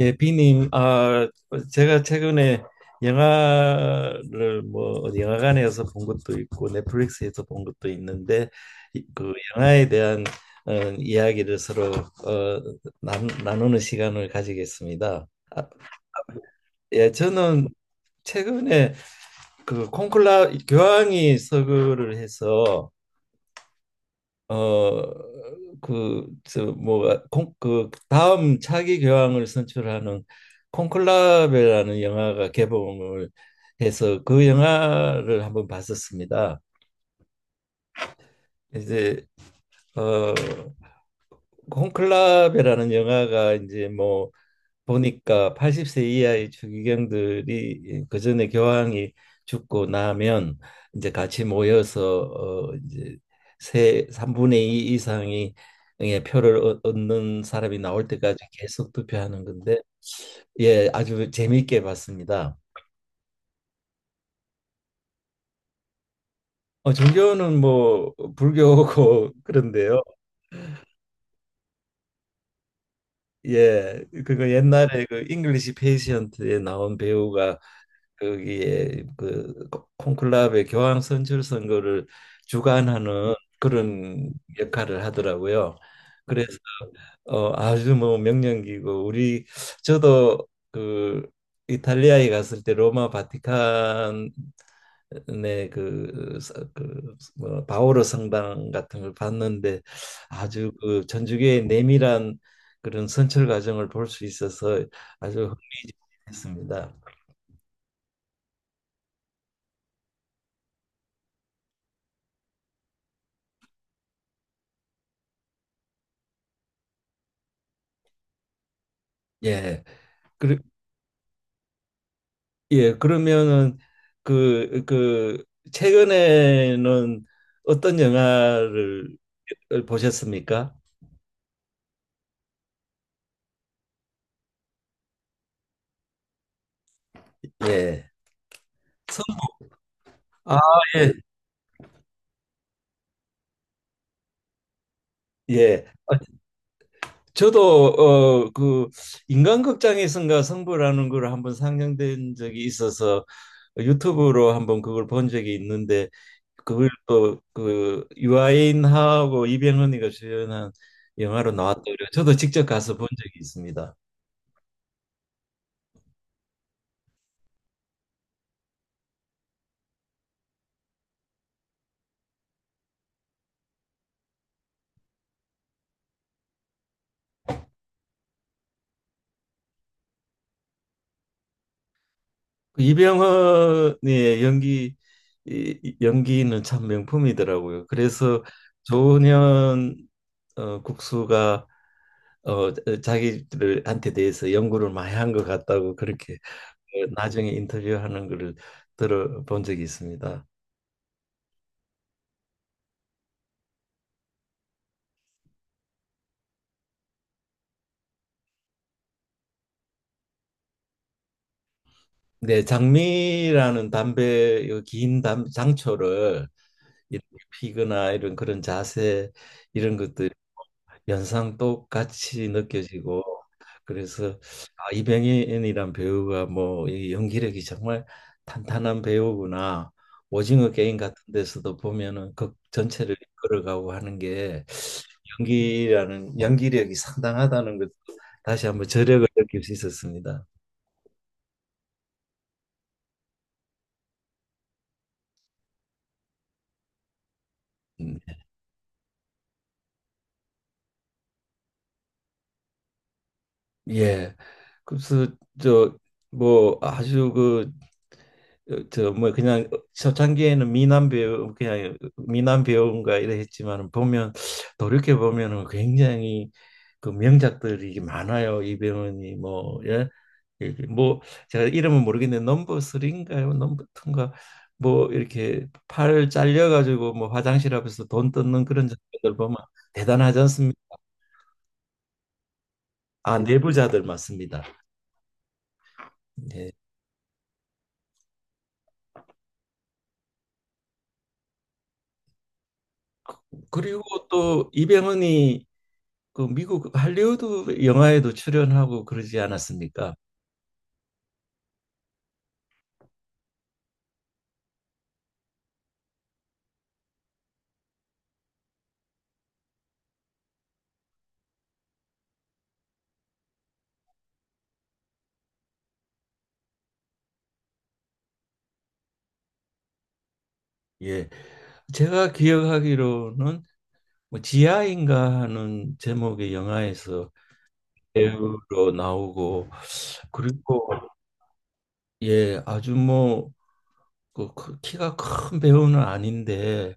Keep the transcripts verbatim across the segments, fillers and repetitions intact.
예, 비님, 아, 제가 최근에 영화를 뭐 어디 영화관에서 본 것도 있고 넷플릭스에서 본 것도 있는데 이- 그 영화에 대한 어, 이야기를 서로 어, 나, 나누는 시간을 가지겠습니다. 아, 예, 저는 최근에 그 콘클라 교황이 서거를 해서 어그저 뭐 콩, 그 다음 차기 교황을 선출하는 콘클라베라는 영화가 개봉을 해서 그 영화를 한번 봤었습니다. 이제 어 콘클라베라는 영화가 이제 뭐 보니까 팔십 세 이하의 추기경들이, 예, 그 전에 교황이 죽고 나면 이제 같이 모여서 어 이제 세 삼분의 이 이상이 의 표를 얻- 얻는 사람이 나올 때까지 계속 투표하는 건데 예, 아주 재미있게 봤습니다. 어 종교는 뭐 불교고 그런데요. 예, 그거 옛날에 그 잉글리시 페이션트에 나온 배우가 거기에 그 콘클라베 교황 선출 선거를 주관하는 그런 역할을 하더라고요. 그래서 어, 아주 뭐 명령기고 우리 저도 그 이탈리아에 갔을 때 로마 바티칸의 그, 그 뭐, 바오로 성당 같은 걸 봤는데, 아주 그 천주교의 내밀한 그런 선출 과정을 볼 수 있어서 아주 흥미했습니다. 예. 그리, 예, 그러면은 그, 그 최근에는 어떤 영화를 보셨습니까? 예. 선- 아, 예. 예. 저도 어 그 인간극장에선가 성부라는 걸 한번 상영된 적이 있어서 유튜브로 한번 그걸 본 적이 있는데 그걸 또그 유아인하고 이병헌이가 주연한 영화로 나왔더라고요. 저도 직접 가서 본 적이 있습니다. 그 이병헌의 연기 이- 연기는 참 명품이더라고요. 그래서 조은현, 어, 국수가, 어, 자기들한테 대해서 연구를 많이 한 것 같다고 그렇게, 어, 나중에 인터뷰하는 것을 들어본 적이 있습니다. 네, 장미라는 담배 긴 담, 장초를 이렇게 피거나 이런 그런 자세, 이런 것도 연상 똑같이 느껴지고 그래서 아, 이병헌이란 배우가 뭐이 연기력이 정말 탄탄한 배우구나. 오징어 게임 같은 데서도 보면은 극 전체를 이끌어가고 하는 게 연기라는 연기력이 상당하다는 것 다시 한번 저력을 느낄 수 있었습니다. 음. 예. 그래서 저 뭐 아주 그, 어, 저뭐 그냥 초창기에는 미남 배우, 그냥 미남 배우인가 이래 했지만 보면 돌이켜 보면은 굉장히 그 명작들이 많아요. 이병헌이 뭐. 예. 이렇게 뭐 제가 이름은 모르겠는데 넘버 쓰리인가요? 넘버 투인가? 뭐 이렇게 팔 잘려 가지고 뭐 화장실 앞에서 돈 뜯는 그런 장면들 보면 대단하지 않습니까? 아, 내부자들 맞습니다. 예. 그리고 또 이병헌이 그 미국 할리우드 영화에도 출연하고 그러지 않았습니까? 예. 제가 기억하기로는 뭐 지하인가 하는 제목의 영화에서 배우로 나오고 그리고, 예, 아주 뭐 그 크- 키가 큰 배우는 아닌데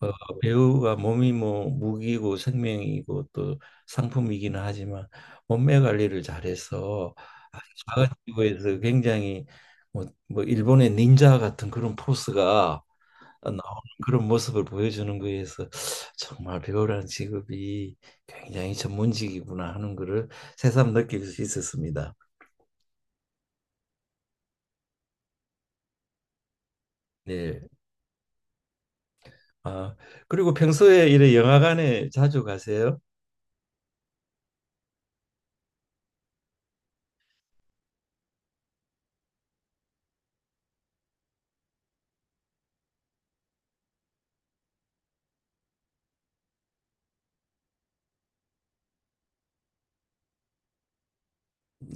어, 배우가 몸이 뭐 무기고 생명이고 또 상품이기는 하지만 몸매 관리를 잘해서 아주 작은 피부에서 굉장히, 뭐, 뭐 일본의 닌자 같은 그런 포스가 나오는 그런 모습을 보여주는 거에서 정말 배우라는 직업이 굉장히 전문직이구나 하는 거를 새삼 느낄 수 있었습니다. 네. 아, 그리고 평소에 이래 영화관에 자주 가세요?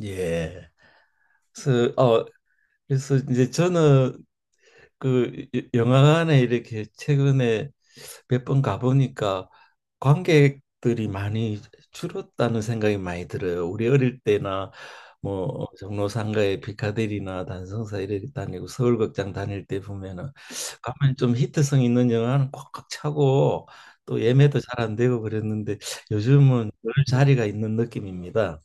예. 그래서 어 그래서 이제 저는 그 여- 영화관에 이렇게 최근에 몇 번 가보니까 관객들이 많이 줄었다는 생각이 많이 들어요. 우리 어릴 때나 뭐 종로상가의 피카데리나 단성사 이렇 다니고 서울극장 다닐 때 보면은, 가면 좀 히트성 있는 영화는 꽉꽉 차고 또 예매도 잘 안 되고 그랬는데 요즘은 늘 자리가 있는 느낌입니다.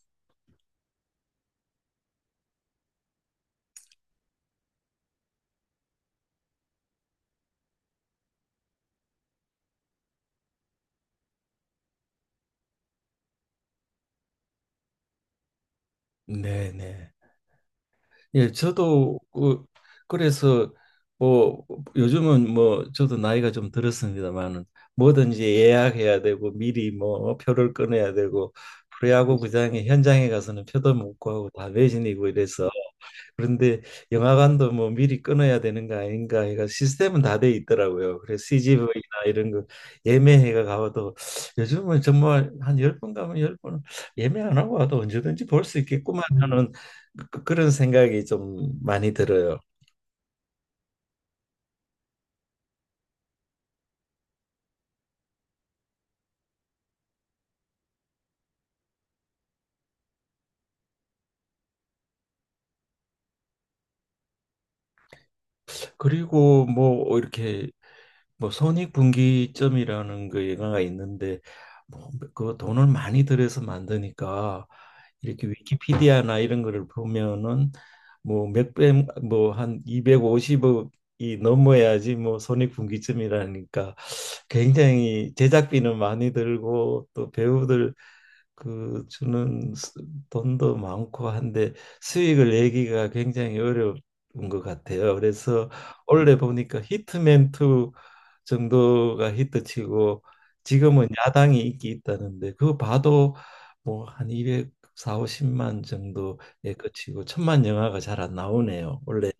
네, 네. 예, 저도 그, 그래서 뭐 요즘은 뭐 저도 나이가 좀 들었습니다만은 뭐든지 예약해야 되고 미리 뭐 표를 끊어야 되고 프로야구 구장에 현장에 가서는 표도 못 구하고 다 매진이고 이래서, 그런데 영화관도 뭐 미리 끊어야 되는 거 아닌가 해가 시스템은 다 돼 있더라고요. 그래서 씨지비나 이런 거 예매해가 가봐도 요즘은 정말 한 열 번 가면 열 번 예매 안 하고 와도 언제든지 볼 수 있겠구만 하는 그- 그런 생각이 좀 많이 들어요. 그리고 뭐 이렇게 뭐 손익분기점이라는 그 영화가 있는데 뭐그 돈을 많이 들여서 만드니까 이렇게 위키피디아나 이런 거를 보면은 뭐 몇백 뭐한 이백오십 억이 넘어야지 뭐 손익분기점이라니까 굉장히 제작비는 많이 들고 또 배우들 그 주는 수- 돈도 많고 한데 수익을 내기가 굉장히 어려운 것 같아요. 그래서 원래 보니까 히트맨 투 정도가 히트치고 지금은 야당이 인기 있다는데 그거 봐도 뭐 한 이백, 사, 오십만 정도에 그치고 천만 영화가 잘 안 나오네요. 원래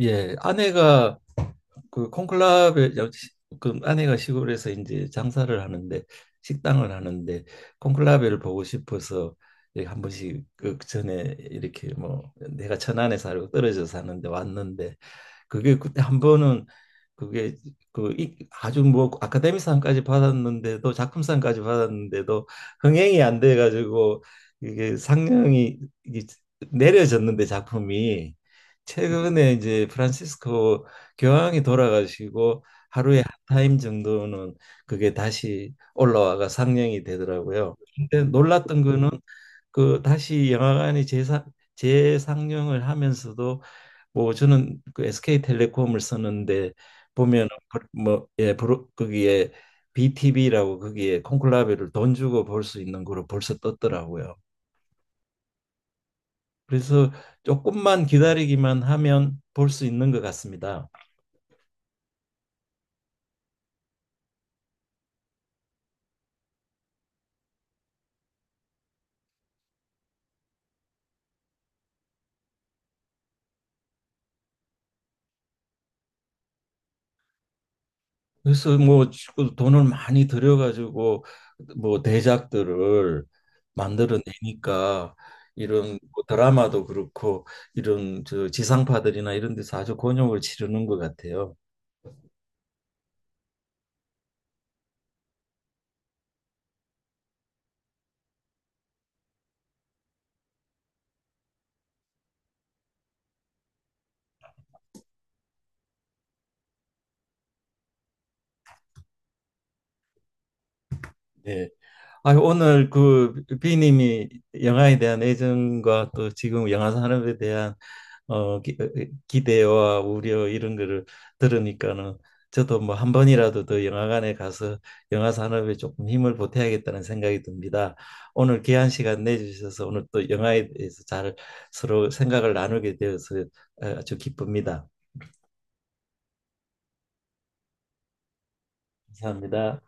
예, 아내가 그 콩클라베, 그 아내가 시골에서 이제 장사를 하는데 식당을 하는데 콩클라베를 보고 싶어서 이렇게 한 번씩 그 전에 이렇게 뭐 내가 천안에 살고 떨어져 사는데 왔는데 그게 그때 한 번은 그게 그 이- 아주 뭐 아카데미상까지 받았는데도 작품상까지 받았는데도 흥행이 안 돼 가지고 이게 상영이 이게 내려졌는데 작품이, 최근에 이제 프란시스코 교황이 돌아가시고 하루에 한 타임 정도는 그게 다시 올라와가 상영이 되더라고요. 근데 놀랐던 거는 그 다시 영화관이 재사, 재상영을 하면서도 뭐 저는 그 에스케이텔레콤을 쓰는데 보면, 뭐 예, 브로- 거기에 비티비라고 거기에 콘클라베를 돈 주고 볼 수 있는 거로 벌써 떴더라고요. 그래서 조금만 기다리기만 하면 볼 수 있는 것 같습니다. 그래서 뭐 그 돈을 많이 들여가지고 뭐 대작들을 만들어내니까, 이런 뭐 드라마도 그렇고 이런 저 지상파들이나 이런 데서 아주 곤욕을 치르는 것 같아요. 네. 아, 오늘 그 비님이 영화에 대한 애정과 또 지금 영화 산업에 대한 어, 기, 대와 우려 이런 거를 들으니까는 저도 뭐 한 번이라도 더 영화관에 가서 영화 산업에 조금 힘을 보태야겠다는 생각이 듭니다. 오늘 귀한 시간 내주셔서 오늘 또 영화에 대해서 잘 서로 생각을 나누게 되어서 어, 아주 기쁩니다. 감사합니다.